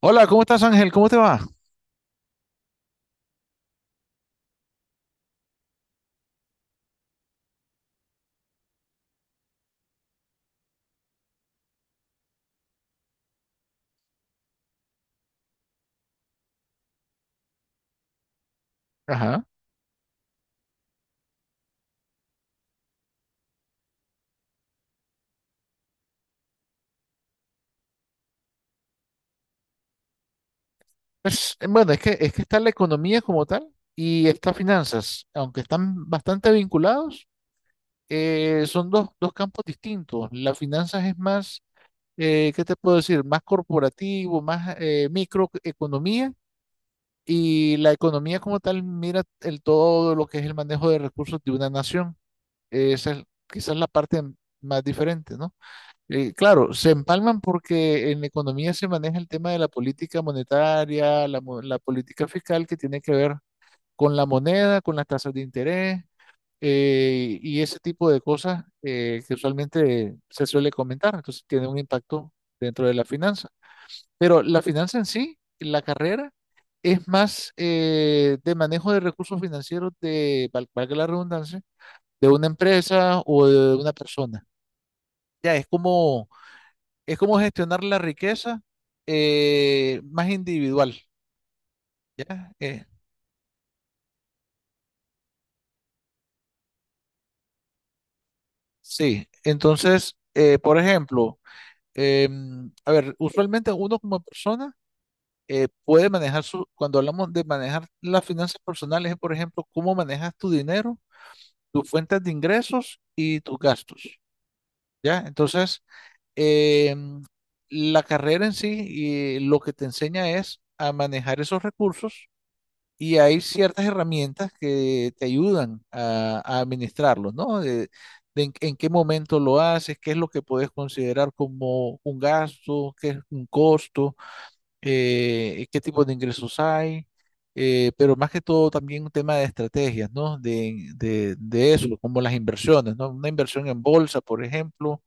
Hola, ¿cómo estás, Ángel? ¿Cómo te va? Ajá. Bueno, es que está la economía como tal y estas finanzas, aunque están bastante vinculados, son dos campos distintos. Las finanzas es más, ¿qué te puedo decir? Más corporativo, más microeconomía y la economía como tal mira el todo lo que es el manejo de recursos de una nación. Esa es quizás la parte más diferente, ¿no? Claro, se empalman porque en economía se maneja el tema de la política monetaria, la política fiscal que tiene que ver con la moneda, con las tasas de interés y ese tipo de cosas que usualmente se suele comentar. Entonces tiene un impacto dentro de la finanza. Pero la finanza en sí, la carrera, es más de manejo de recursos financieros de, valga la redundancia, de una empresa o de una persona. Ya es como es como gestionar la riqueza más individual, ¿ya? Sí, entonces, por ejemplo, a ver, usualmente uno como persona puede manejar su, cuando hablamos de manejar las finanzas personales, es, por ejemplo, cómo manejas tu dinero, tus fuentes de ingresos y tus gastos, ¿ya? Entonces, em, la carrera en sí y lo que te enseña es a manejar esos recursos. Y hay ciertas herramientas que te ayudan a administrarlo, ¿no? De en qué momento lo haces, qué es lo que puedes considerar como un gasto, qué es un costo, qué tipo de ingresos hay, pero más que todo también un tema de estrategias, ¿no? De eso, como las inversiones, ¿no? Una inversión en bolsa, por ejemplo,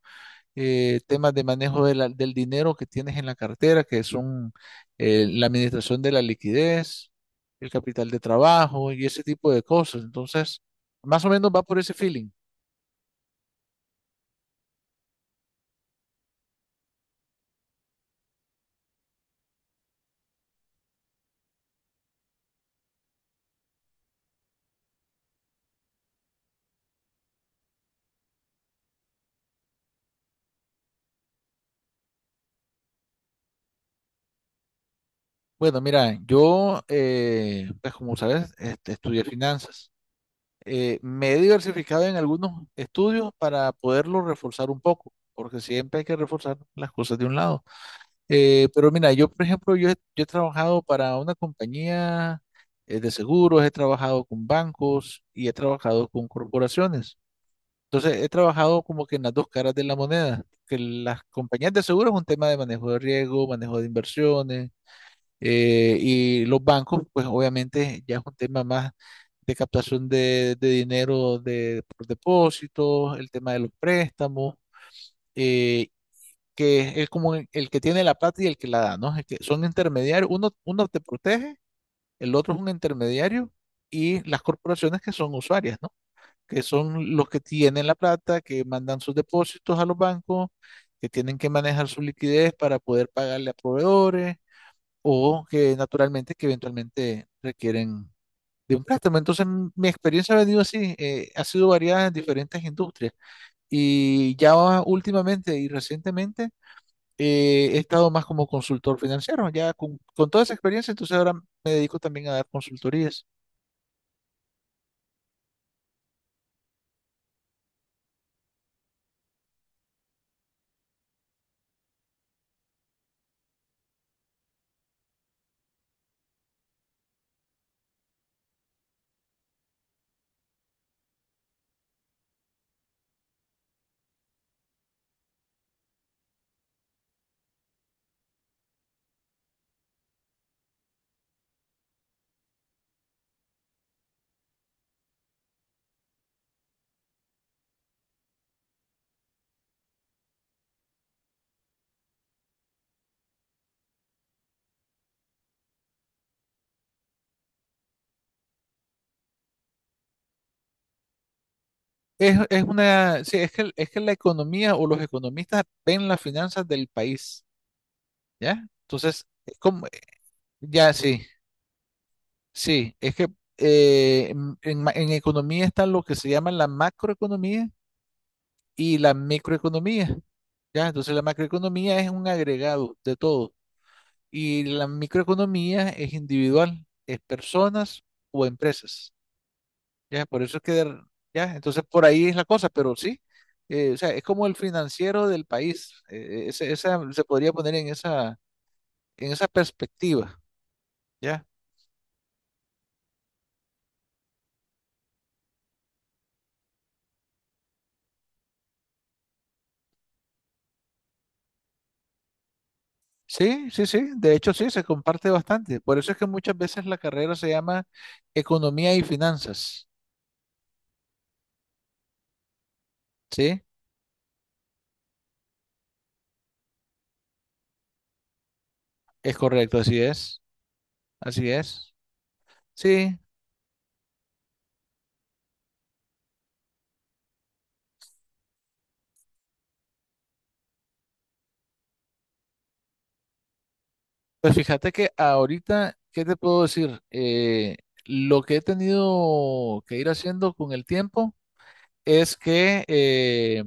temas de manejo de del dinero que tienes en la cartera, que son la administración de la liquidez, el capital de trabajo y ese tipo de cosas. Entonces, más o menos va por ese feeling. Bueno, mira, yo, pues como sabes, este, estudié finanzas. Me he diversificado en algunos estudios para poderlo reforzar un poco, porque siempre hay que reforzar las cosas de un lado. Pero mira, yo por ejemplo, yo he trabajado para una compañía de seguros, he trabajado con bancos y he trabajado con corporaciones. Entonces, he trabajado como que en las dos caras de la moneda, que las compañías de seguros es un tema de manejo de riesgo, manejo de inversiones, y los bancos, pues obviamente ya es un tema más de captación de dinero de, por depósitos, el tema de los préstamos. eh, que es como el que tiene la plata y el que la da, ¿no? Es que son intermediarios, uno te protege, el otro es un intermediario y las corporaciones que son usuarias, ¿no? Que son los que tienen la plata, que mandan sus depósitos a los bancos, que tienen que manejar su liquidez para poder pagarle a proveedores o que naturalmente, que eventualmente requieren de un préstamo. Entonces, mi experiencia ha venido así, ha sido variada en diferentes industrias y ya últimamente y recientemente he estado más como consultor financiero, ya con toda esa experiencia, entonces ahora me dedico también a dar consultorías. Sí, es que la economía o los economistas ven las finanzas del país, ¿ya? Entonces, es como, ya sí, sí, es que en, en economía está lo que se llama la macroeconomía y la microeconomía, ¿ya? Entonces, la macroeconomía es un agregado de todo y la microeconomía es individual, es personas o empresas. Ya, por eso es que, ya, entonces por ahí es la cosa, pero sí, o sea, es como el financiero del país, esa, se podría poner en esa perspectiva, ¿ya? Sí, sí, sí, de hecho sí, se comparte bastante, por eso es que muchas veces la carrera se llama economía y finanzas, ¿sí? Es correcto, así es, sí, pues fíjate que ahorita, ¿qué te puedo decir? Lo que he tenido que ir haciendo con el tiempo es que eh,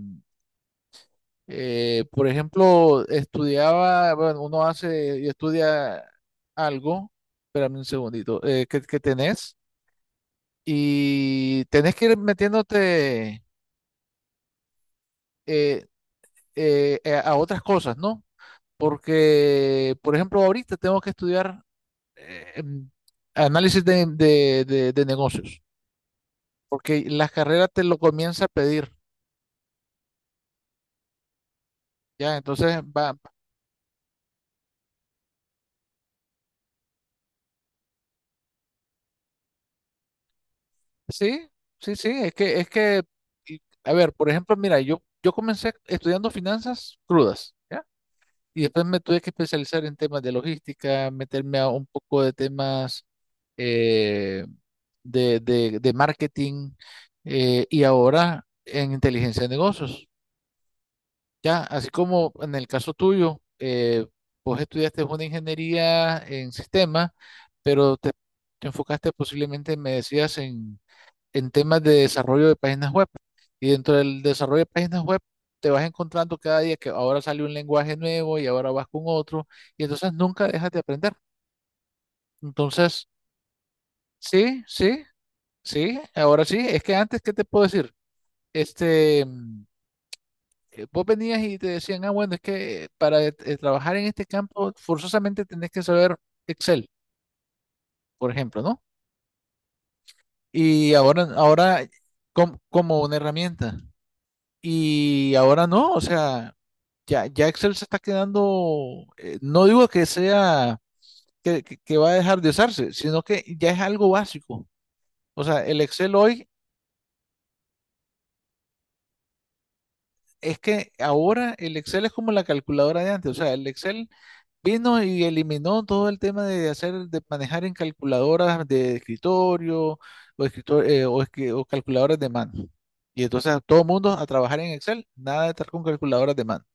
Eh, por ejemplo, estudiaba, bueno, uno hace y estudia algo, espérame un segundito, que tenés y tenés que ir metiéndote eh, a otras cosas, ¿no? Porque, por ejemplo, ahorita tengo que estudiar eh, em, análisis de negocios, porque la carrera te lo comienza a pedir, ¿ya? Entonces va, sí, sí, sí, a ver, por ejemplo, mira, yo comencé estudiando finanzas crudas, ¿ya? Y después me tuve que especializar en temas de logística, meterme a un poco de temas eh, de, de marketing y ahora en inteligencia de negocios, ¿ya? Así como en el caso tuyo, vos estudiaste una ingeniería en sistemas, pero te enfocaste posiblemente, me decías, en temas de desarrollo de páginas web. Y dentro del desarrollo de páginas web te vas encontrando cada día que ahora sale un lenguaje nuevo y ahora vas con otro y entonces nunca dejas de aprender. Entonces, sí, sí, sí, ahora sí, es que antes, ¿qué te puedo decir? Este, vos venías y te decían, ah, bueno, es que para trabajar en este campo forzosamente tenés que saber Excel, por ejemplo, ¿no? Y ahora, ahora como una herramienta. Y ahora no, o sea, ya, ya Excel se está quedando, no digo que sea, que va a dejar de usarse, sino que ya es algo básico. O sea, el Excel hoy es que ahora el Excel es como la calculadora de antes. O sea, el Excel vino y eliminó todo el tema de hacer, de manejar en calculadoras de escritorio o, escritor- o, escri- o calculadoras de mano. Y entonces a todo mundo a trabajar en Excel, nada de estar con calculadoras de mano.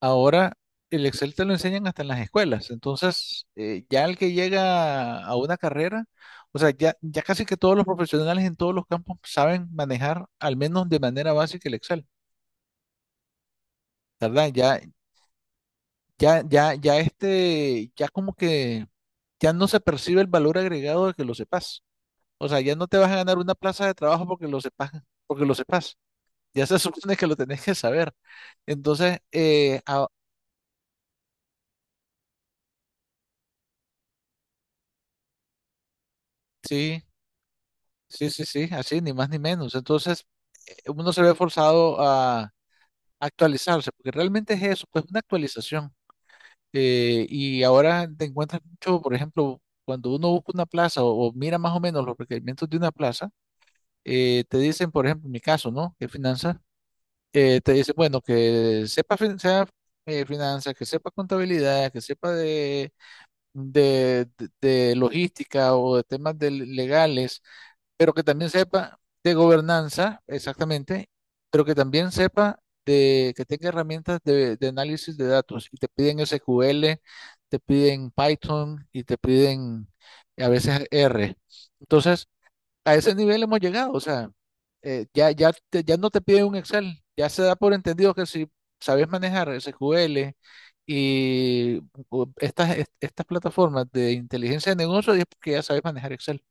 Ahora el Excel te lo enseñan hasta en las escuelas. Entonces, ya el que llega a una carrera, o sea, casi que todos los profesionales en todos los campos saben manejar al menos de manera básica el Excel, ¿verdad? Ya, ya este, ya como que ya no se percibe el valor agregado de que lo sepas. O sea, ya no te vas a ganar una plaza de trabajo porque lo sepas, porque lo sepas. Ya se supone que lo tenés que saber. Entonces, sí, sí, sí, sí, así, ni más ni menos. Entonces, uno se ve forzado a actualizarse, porque realmente es eso, pues una actualización. Y ahora te encuentras mucho, por ejemplo, cuando uno busca una plaza o mira más o menos los requerimientos de una plaza, te dicen, por ejemplo, en mi caso, ¿no? Que finanzas, te dicen, bueno, sea, finanzas, que sepa contabilidad, que sepa de, de logística o de temas de legales, pero que también sepa de gobernanza, exactamente, pero que también sepa de que tenga herramientas de análisis de datos. Y te piden SQL, te piden Python y te piden a veces R. Entonces, a ese nivel hemos llegado. O sea, ya no te piden un Excel. Ya se da por entendido que si sabes manejar SQL y estas plataformas de inteligencia de negocios, es porque ya sabes manejar Excel.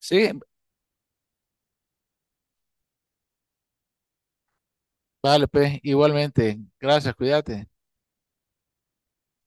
Sí. Vale, pues, igualmente. Gracias, cuídate.